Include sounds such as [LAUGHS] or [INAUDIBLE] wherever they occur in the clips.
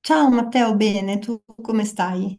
Ciao Matteo, bene, tu come stai?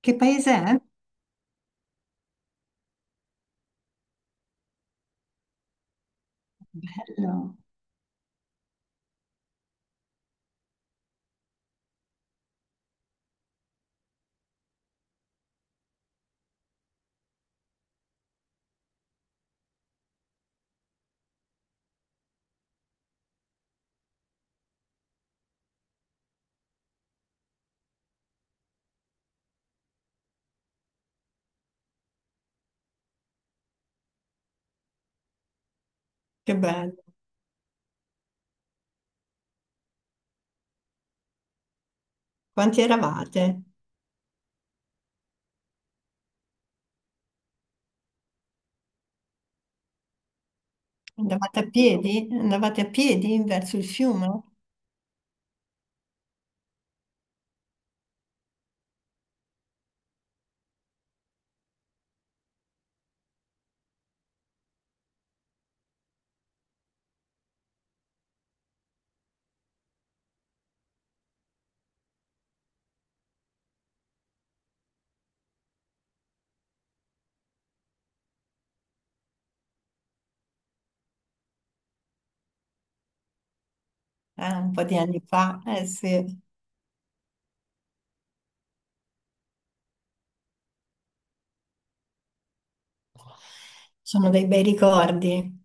Che paese è? No. Che bello. Quanti eravate? Andavate a piedi? Andavate a piedi verso il fiume? Un po' di anni fa. Eh sì, sono dei bei ricordi.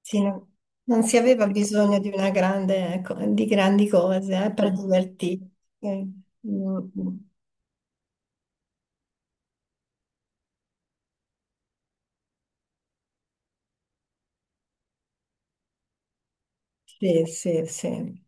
Sì, non si aveva bisogno di una grande, di grandi cose, per divertirsi. Eh, mm, Sì, sì, sì.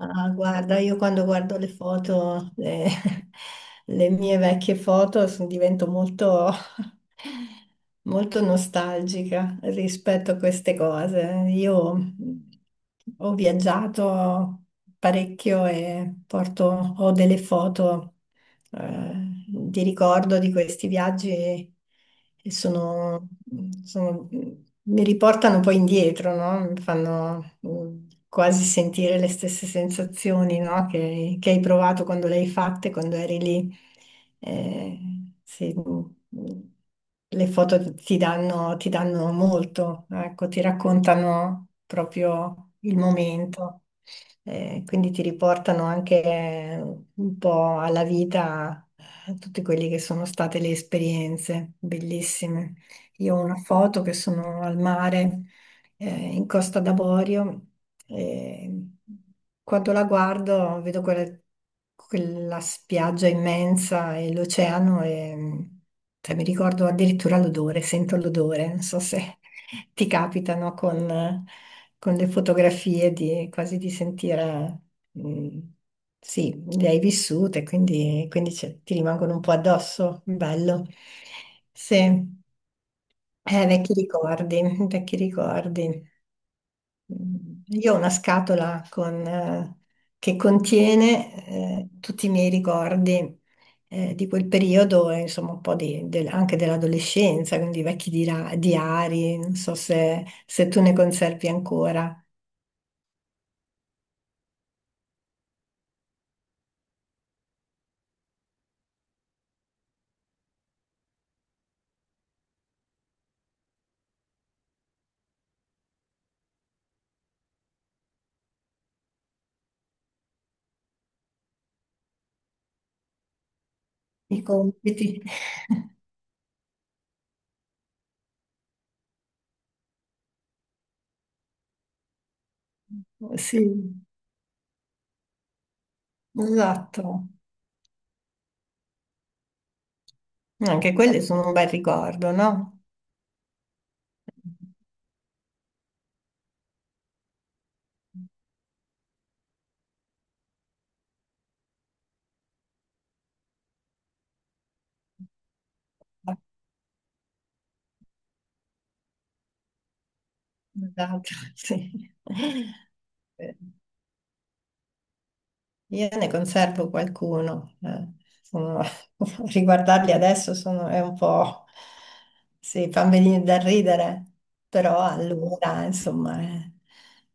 Ah, guarda, io quando guardo le foto, le, [LAUGHS] le mie vecchie foto, divento molto, [LAUGHS] molto nostalgica rispetto a queste cose. Io ho viaggiato parecchio e porto, ho delle foto eh, di ricordo di questi viaggi e sono- mi riportano poi indietro, no? Mi fanno quasi sentire le stesse sensazioni, no? Che hai provato quando le hai fatte, quando eri lì. Eh, sì. mm, le foto ti danno, ti danno molto, ecco, ti raccontano proprio il momento, quindi ti riportano anche un po' alla vita tutte quelle che sono state le esperienze bellissime. Io ho una foto che sono al mare in Costa d'Avorio. E quando la guardo vedo quella spiaggia immensa e l'oceano e cioè, mi ricordo addirittura l'odore, sento l'odore, non so se [LAUGHS] ti capitano con le fotografie di, quasi di sentire. Mm, sì, le hai vissute, quindi ti rimangono un po' addosso. Bello. Sì, vecchi ricordi, vecchi ricordi. Io ho una scatola con, che contiene tutti i miei ricordi di quel periodo, e, insomma un po' anche dell'adolescenza, quindi vecchi diari, non so se tu ne conservi ancora i compiti. [LAUGHS] Sì, esatto. Anche quelli sono un bel ricordo, no? Esatto, sì. [LAUGHS] Io ne conservo qualcuno, sono- [LAUGHS] riguardarli adesso è un po', sì, fa venire da ridere, però allora, insomma,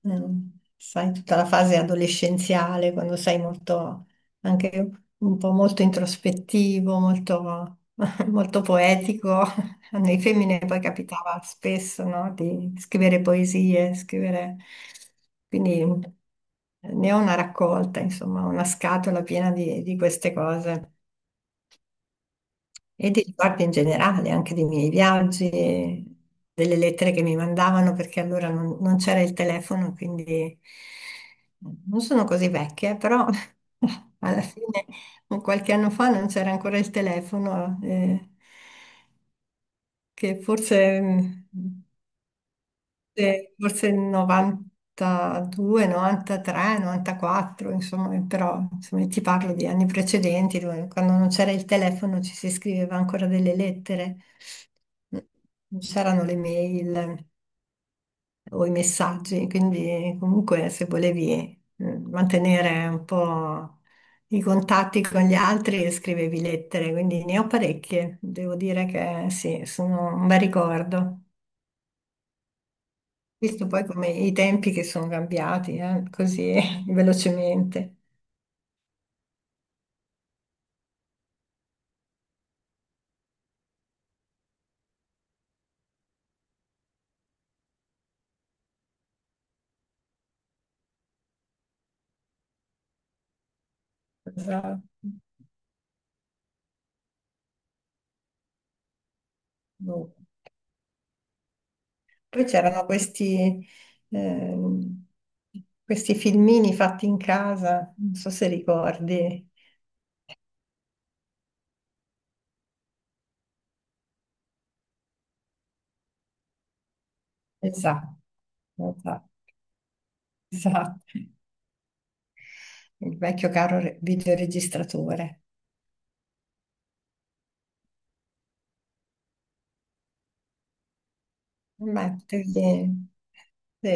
mm, sai, tutta la fase adolescenziale, quando sei molto, anche un po' molto introspettivo, molto, [LAUGHS] molto poetico, a noi femmine poi capitava spesso, no, di scrivere poesie, scrivere. Quindi ne ho una raccolta, insomma, una scatola piena di queste cose e di ricordi in generale, anche dei miei viaggi, delle lettere che mi mandavano, perché allora non c'era il telefono, quindi non sono così vecchia, però [LAUGHS] alla fine un qualche anno fa non c'era ancora il telefono, che forse. mm, forse 92, 93, 94, insomma, però insomma, ti parlo di anni precedenti, quando non c'era il telefono ci si scriveva ancora delle lettere, non c'erano le mail o i messaggi, quindi comunque se volevi mantenere un po' i contatti con gli altri, scrivevi lettere, quindi ne ho parecchie, devo dire che sì, sono un bel ricordo. Visto poi come i tempi che sono cambiati, così [LAUGHS] velocemente. Esatto. Boh. Poi c'erano ehm, questi filmini fatti in casa, non so se ricordi. Esatto, esatto, esatto. Il vecchio caro videoregistratore. Ma sì, sì,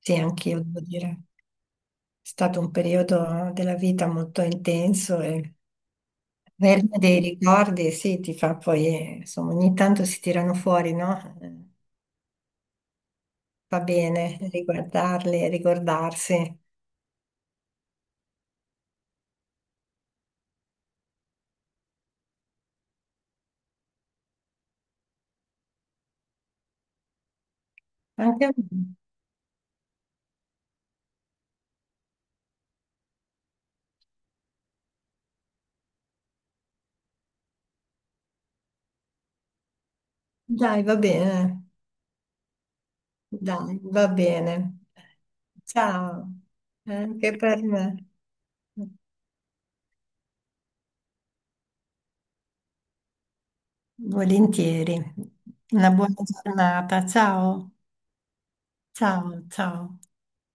sì, anch'io devo dire. È stato un periodo della vita molto intenso e verme dei ricordi, sì, ti fa poi, insomma, ogni tanto si tirano fuori, no? Va bene riguardarli, ricordarsi. Anche a me. Dai, va bene, dai, va bene. Ciao, anche per me. Volentieri. Una buona giornata. Ciao, ciao, ciao.